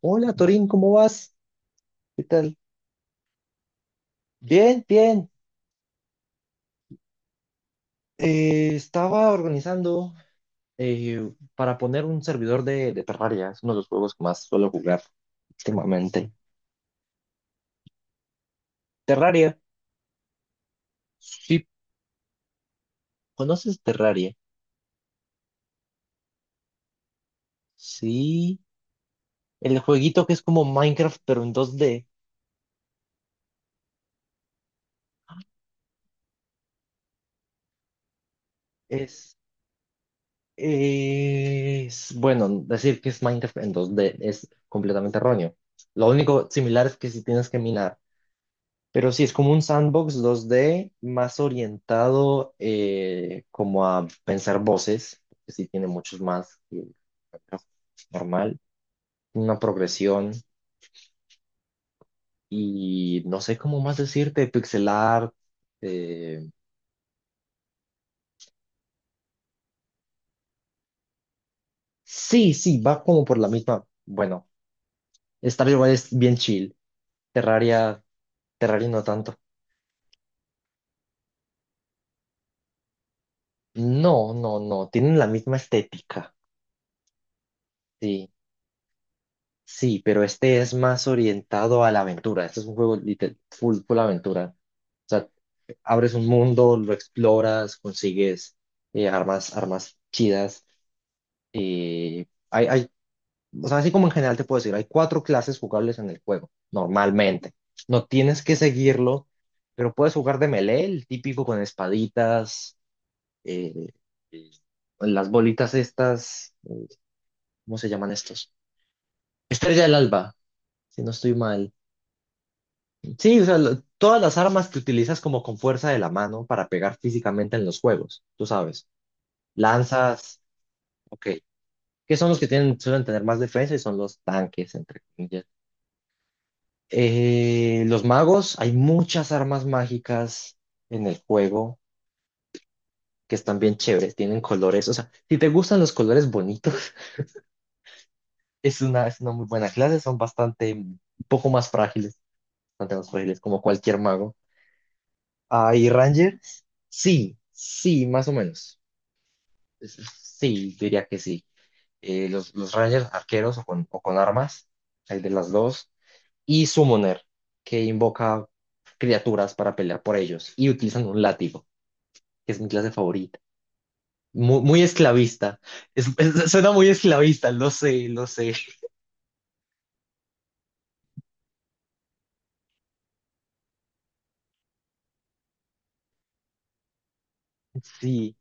Hola Torín, ¿cómo vas? ¿Qué tal? Bien, bien. Estaba organizando, para poner un servidor de Terraria. Es uno de los juegos que más suelo jugar últimamente. Terraria. Sí, ¿conoces Terraria? Sí. El jueguito que es como Minecraft, pero en 2D. Es, bueno, decir que es Minecraft en 2D es completamente erróneo. Lo único similar es que si tienes que minar. Pero sí, es como un sandbox 2D más orientado, como a pensar voces, que sí tiene muchos más que el normal, una progresión, y no sé cómo más decirte, pixel art. eh, sí, sí, va como por la misma. Bueno, Stardew Valley es bien chill, Terraria, Terraria no tanto. No, no, no, tienen la misma estética. sí Sí, pero este es más orientado a la aventura. Este es un juego full, full aventura. O sea, abres un mundo, lo exploras, consigues, armas, armas chidas. Hay, o sea, así como en general te puedo decir, hay cuatro clases jugables en el juego, normalmente. No tienes que seguirlo, pero puedes jugar de melee, el típico con espaditas. eh, eh, las bolitas estas, ¿cómo se llaman estos? Estrella del Alba, si no estoy mal. Sí, o sea, todas las armas que utilizas como con fuerza de la mano para pegar físicamente en los juegos, tú sabes. Lanzas, ok, que son los que tienen, suelen tener más defensa. Y son los tanques, entre comillas. Los magos, hay muchas armas mágicas en el juego que están bien chéveres, tienen colores. O sea, si te gustan los colores bonitos, es una, muy buena clase, son bastante, un poco más frágiles, bastante más frágiles, como cualquier mago. Ah, y Ranger, sí, sí, más o menos. Sí, diría que sí. Los Rangers arqueros o con armas, hay de las dos. Y Summoner, que invoca criaturas para pelear por ellos. Y utilizan un látigo, que es mi clase favorita. Muy esclavista. Suena muy esclavista, lo sé, lo sé. Sí.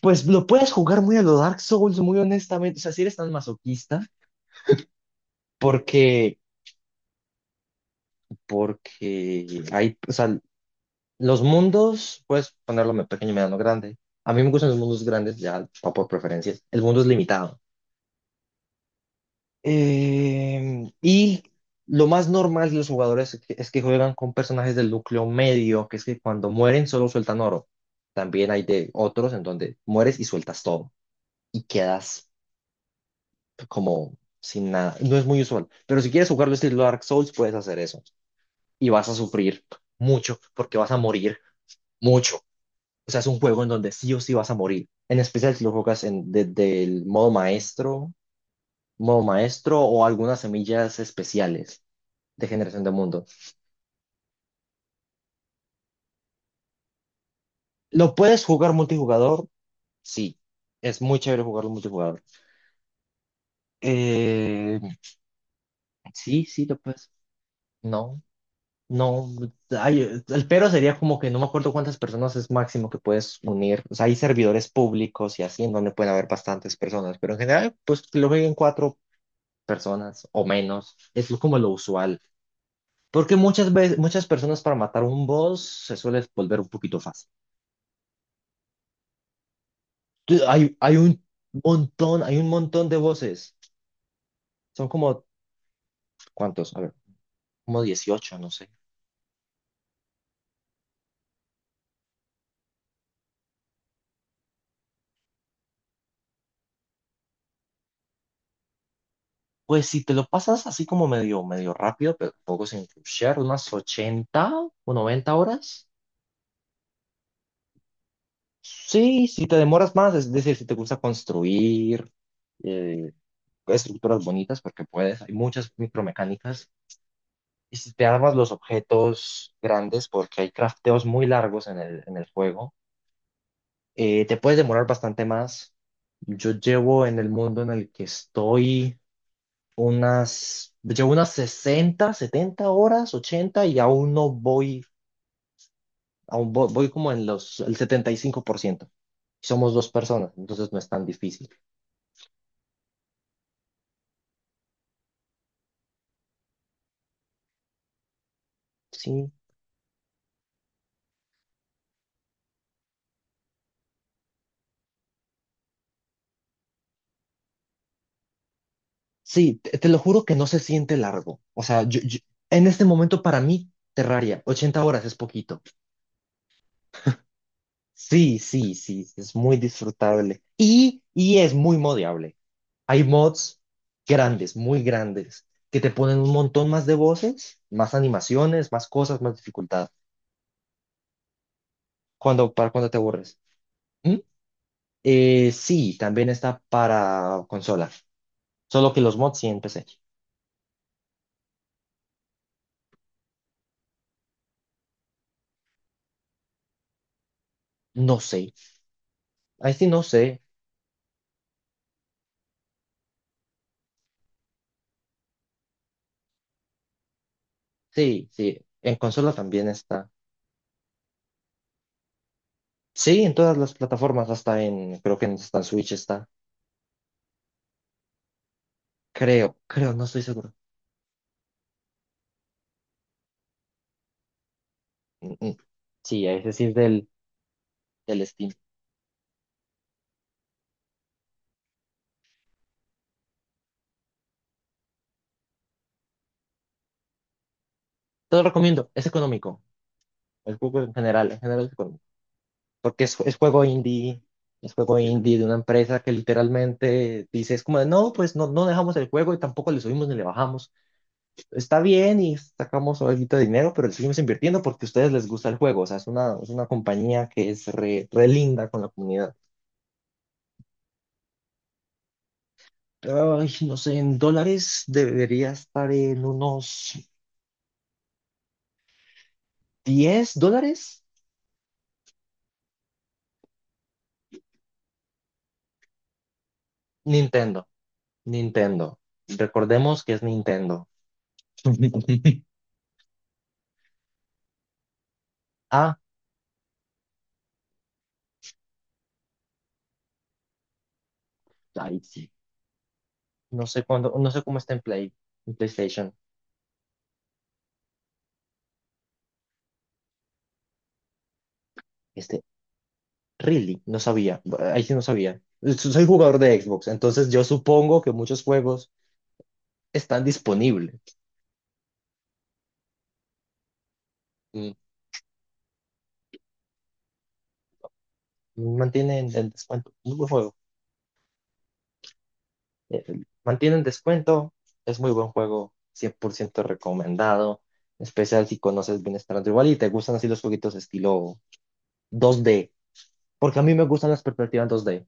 Pues lo puedes jugar muy a lo Dark Souls, muy honestamente. O sea, si eres tan masoquista, porque, porque hay, o sea, los mundos, puedes ponerlo pequeño, mediano, grande. A mí me gustan los mundos grandes, ya va por preferencias. El mundo es limitado. Y lo más normal de los jugadores es que, juegan con personajes del núcleo medio, que es que cuando mueren solo sueltan oro. También hay de otros en donde mueres y sueltas todo y quedas como sin nada. No es muy usual, pero si quieres jugarlo estilo Dark Souls, puedes hacer eso. Y vas a sufrir mucho porque vas a morir mucho. O sea, es un juego en donde sí o sí vas a morir. En especial si lo juegas desde el modo maestro o algunas semillas especiales de generación de mundo. ¿Lo puedes jugar multijugador? Sí. Es muy chévere jugarlo multijugador. Eh, sí, sí, lo puedes. No, no. Ay, el pero sería como que no me acuerdo cuántas personas es máximo que puedes unir. O sea, hay servidores públicos y así en donde pueden haber bastantes personas, pero en general, pues que lo jueguen cuatro personas o menos. Es como lo usual. Porque muchas veces, muchas personas para matar un boss se suele volver un poquito fácil. Tú- Hay, hay un hay un montón de voces. Son como, ¿cuántos? A ver, como 18, no sé. Pues si te lo pasas así como medio, medio rápido, pero tampoco sin rushear, unas 80 o 90 horas. Sí, si te demoras más, es decir, si te gusta construir, eh, estructuras bonitas, porque puedes, hay muchas micromecánicas. Y si te armas los objetos grandes, porque hay crafteos muy largos en el juego, te puedes demorar bastante más. Yo llevo en el mundo en el que estoy llevo unas 60 70 horas, 80, y aún no voy, aún voy, como el 75%. Somos dos personas, entonces no es tan difícil. Sí, sí, te lo juro que no se siente largo. O sea, en este momento para mí, Terraria, 80 horas es poquito. Sí, sí, sí, es muy disfrutable, y es muy modiable. Hay mods grandes, muy grandes, que te ponen un montón más de voces, más animaciones, más cosas, más dificultad, para cuando te aburres. ¿Mm? Sí, también está para consola, solo que los mods sí en PC. No sé, ahí sí no sé. Sí, sí, en consola también está. Sí, en todas las plataformas, hasta creo que hasta en Switch está. Creo, creo, no estoy seguro. Mm, mm. Sí, ese sí es del Steam. Te lo recomiendo, es económico. El juego en general, es económico. Porque es juego indie de una empresa que literalmente dice, es como de, no, pues no, no dejamos el juego y tampoco le subimos ni le bajamos. Está bien y sacamos algo de dinero, pero le seguimos invirtiendo porque a ustedes les gusta el juego. O sea, es una compañía que es re, re linda con la comunidad. Ay, no sé, en dólares debería estar en unos $10. Nintendo. Nintendo. Recordemos que es Nintendo. Ah, ay, sí. No sé cómo está en PlayStation. Este, really, no sabía. Ahí sí no sabía. Soy jugador de Xbox, entonces yo supongo que muchos juegos están disponibles. Mm, Mantienen el descuento. Muy buen juego. Eh, Mantienen descuento. Es muy buen juego. 100% recomendado. En especial si conoces bien Stardew Valley y te gustan así los jueguitos estilo 2D. Porque a mí me gustan las perspectivas 2D.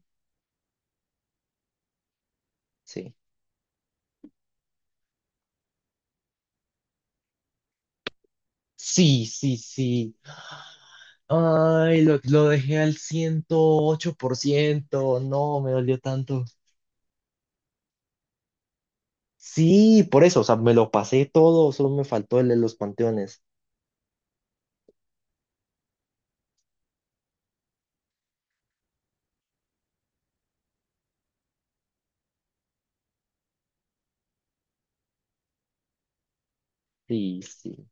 Sí. Sí, sí, sí. Ay, lo dejé al 108%. No, me dolió tanto. Sí, por eso, o sea, me lo pasé todo, solo me faltó el de los panteones. Sí, sí.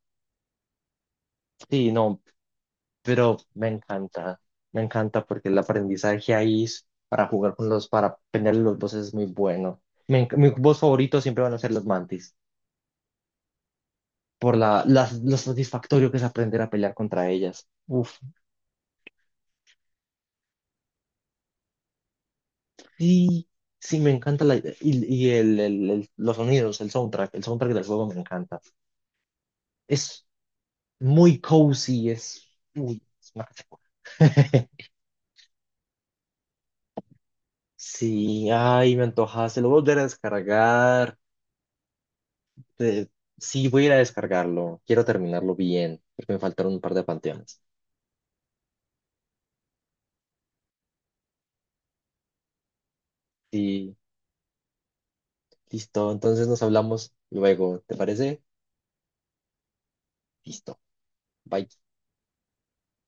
Sí, no, pero me encanta. Me encanta porque el aprendizaje ahí es para jugar para pelearle los bosses es muy bueno. Mi boss favorito siempre van a ser los mantis, lo satisfactorio que es aprender a pelear contra ellas. Uf. Sí, sí, me encanta la idea. Y los sonidos, el soundtrack del juego me encanta. Es muy cozy, uy, es mágico. Sí, ay, me antojaste, lo voy a volver a descargar. Te- sí, voy a ir a descargarlo, quiero terminarlo bien, porque me faltaron un par de panteones. Sí, listo, entonces nos hablamos luego, ¿te parece? Listo, bye.